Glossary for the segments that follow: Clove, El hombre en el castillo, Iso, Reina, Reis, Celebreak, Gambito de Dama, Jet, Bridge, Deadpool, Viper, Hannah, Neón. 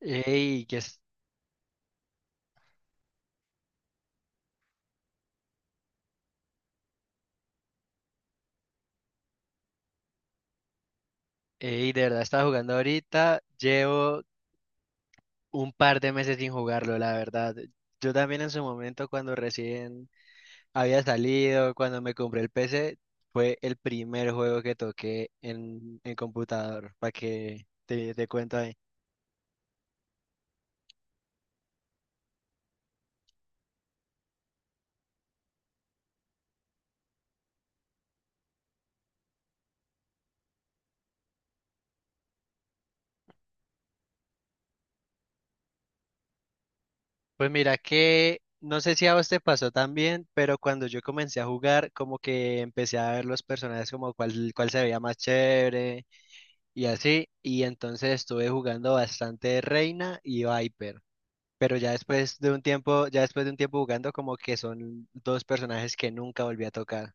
Ey, que es, ey, de verdad estaba jugando ahorita. Llevo un par de meses sin jugarlo, la verdad. Yo también en su momento, cuando recién había salido, cuando me compré el PC, fue el primer juego que toqué en computador, para que te cuento ahí. Pues mira que, no sé si a vos te pasó también, pero cuando yo comencé a jugar, como que empecé a ver los personajes como cuál se veía más chévere y así. Y entonces estuve jugando bastante Reina y Viper. Pero ya después de un tiempo, ya después de un tiempo jugando, como que son dos personajes que nunca volví a tocar.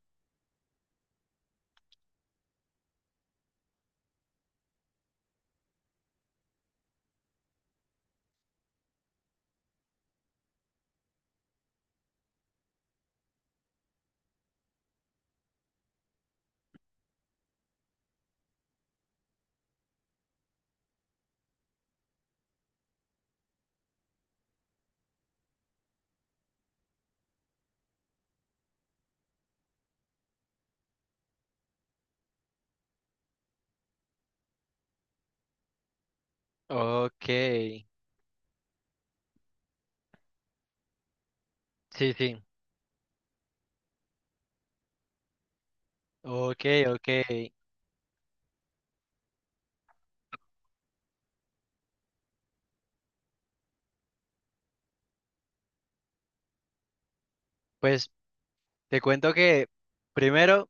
Ok, sí, sí. Ok, ok. Pues te cuento que primero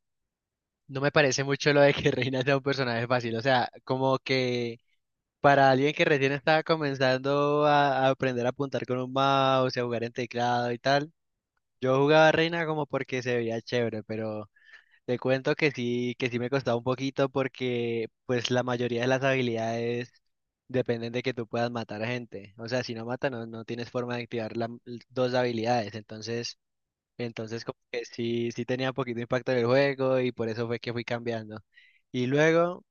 no me parece mucho lo de que Reina sea un personaje fácil. O sea, como que para alguien que recién estaba comenzando a aprender a apuntar con un mouse y a jugar en teclado y tal, yo jugaba a Reina como porque se veía chévere, pero te cuento que sí me costaba un poquito porque pues la mayoría de las habilidades dependen de que tú puedas matar a gente. O sea, si no mata, no, no tienes forma de activar las dos habilidades. Entonces, entonces como que sí, sí tenía un poquito de impacto en el juego y por eso fue que fui cambiando. Y luego,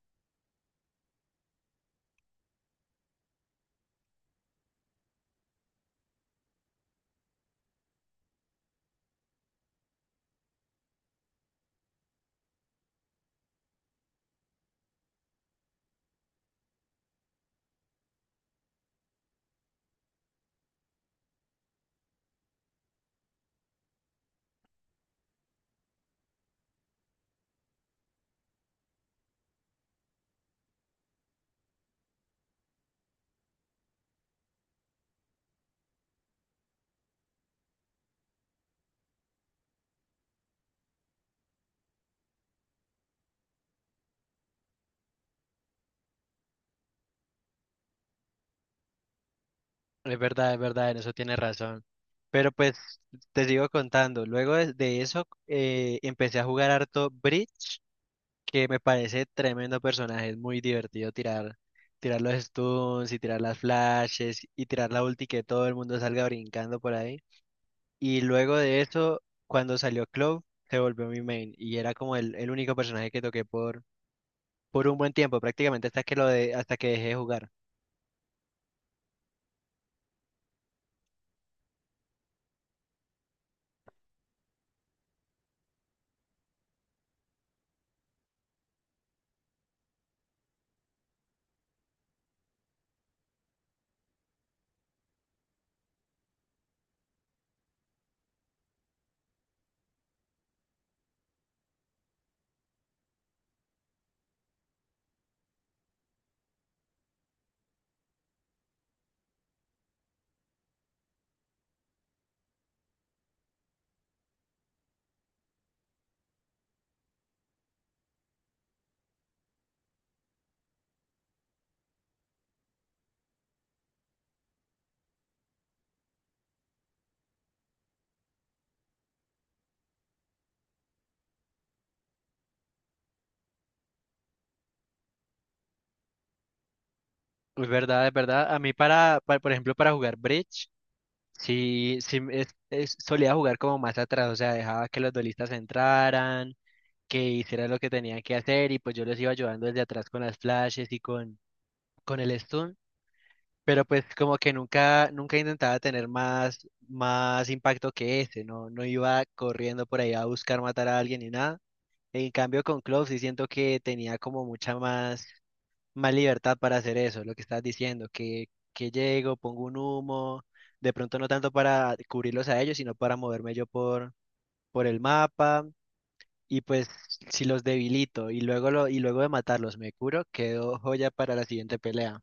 es verdad, en eso tienes razón. Pero pues te sigo contando. Luego de eso empecé a jugar harto Bridge que me parece tremendo personaje. Es muy divertido tirar, tirar los stuns y tirar las flashes y tirar la ulti que todo el mundo salga brincando por ahí. Y luego de eso, cuando salió Clove, se volvió mi main y era como el único personaje que toqué por un buen tiempo, prácticamente hasta que lo de, hasta que dejé de jugar. Es verdad, es verdad. A mí para, por ejemplo, para jugar Bridge, sí, sí solía jugar como más atrás, o sea, dejaba que los duelistas entraran que hicieran lo que tenían que hacer y pues yo les iba ayudando desde atrás con las flashes y con el stun, pero pues como que nunca, nunca intentaba tener más, más impacto que ese, no, no iba corriendo por ahí a buscar matar a alguien ni nada. En cambio con Clove sí siento que tenía como mucha más, más libertad para hacer eso, lo que estás diciendo, que llego, pongo un humo, de pronto no tanto para cubrirlos a ellos, sino para moverme yo por el mapa y pues si los debilito y luego lo, y luego de matarlos me curo, quedo joya para la siguiente pelea.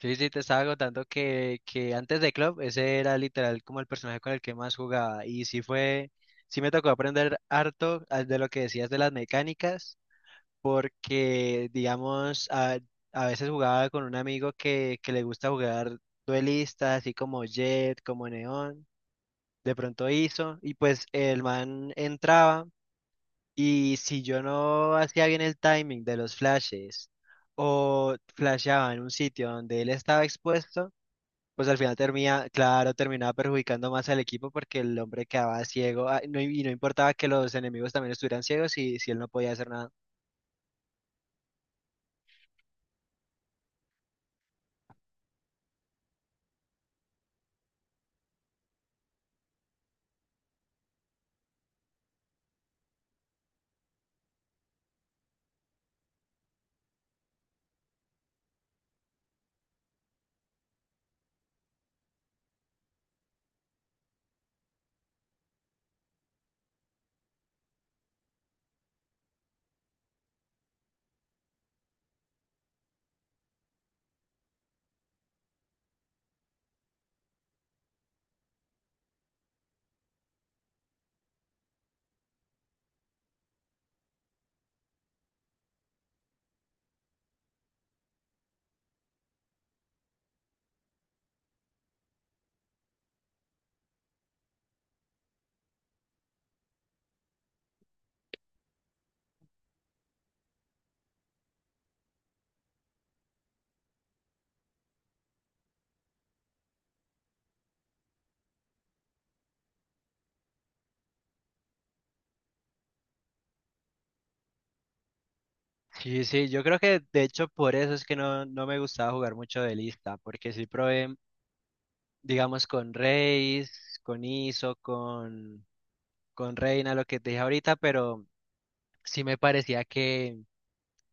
Sí, sí, te estaba contando que antes de Club ese era literal como el personaje con el que más jugaba. Y sí fue, sí me tocó aprender harto de lo que decías de las mecánicas, porque digamos, a veces jugaba con un amigo que le gusta jugar duelistas, así como Jet, como Neón. De pronto hizo, y pues el man entraba. Y si yo no hacía bien el timing de los flashes o flasheaba en un sitio donde él estaba expuesto, pues al final termina, claro, terminaba perjudicando más al equipo porque el hombre quedaba ciego no, y no importaba que los enemigos también estuvieran ciegos y si él no podía hacer nada. Sí, sí, yo creo que de hecho por eso es que no, no me gustaba jugar mucho de lista, porque sí probé, digamos, con Reis, con Iso, con Reina, lo que te dije ahorita, pero sí me parecía que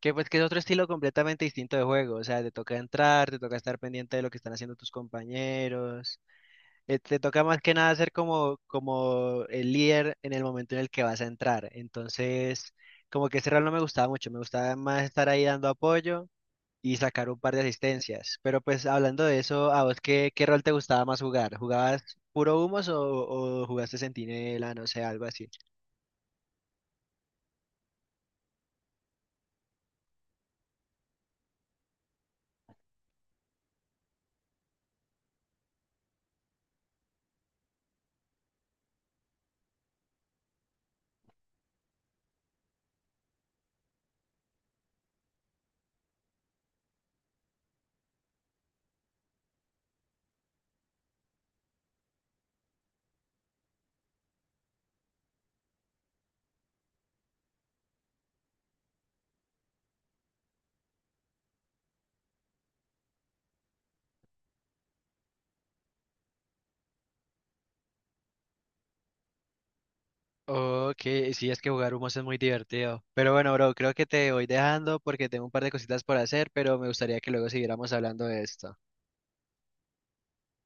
Que pues que es otro estilo completamente distinto de juego, o sea, te toca entrar, te toca estar pendiente de lo que están haciendo tus compañeros, te toca más que nada ser como, como el líder en el momento en el que vas a entrar. Entonces, como que ese rol no me gustaba mucho, me gustaba más estar ahí dando apoyo y sacar un par de asistencias. Pero pues hablando de eso, ¿a vos qué, qué rol te gustaba más jugar? ¿Jugabas puro humos o jugaste centinela, no sé, algo así? Ok, sí, es que jugar humos es muy divertido. Pero bueno, bro, creo que te voy dejando porque tengo un par de cositas por hacer, pero me gustaría que luego siguiéramos hablando de esto.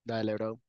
Dale, bro.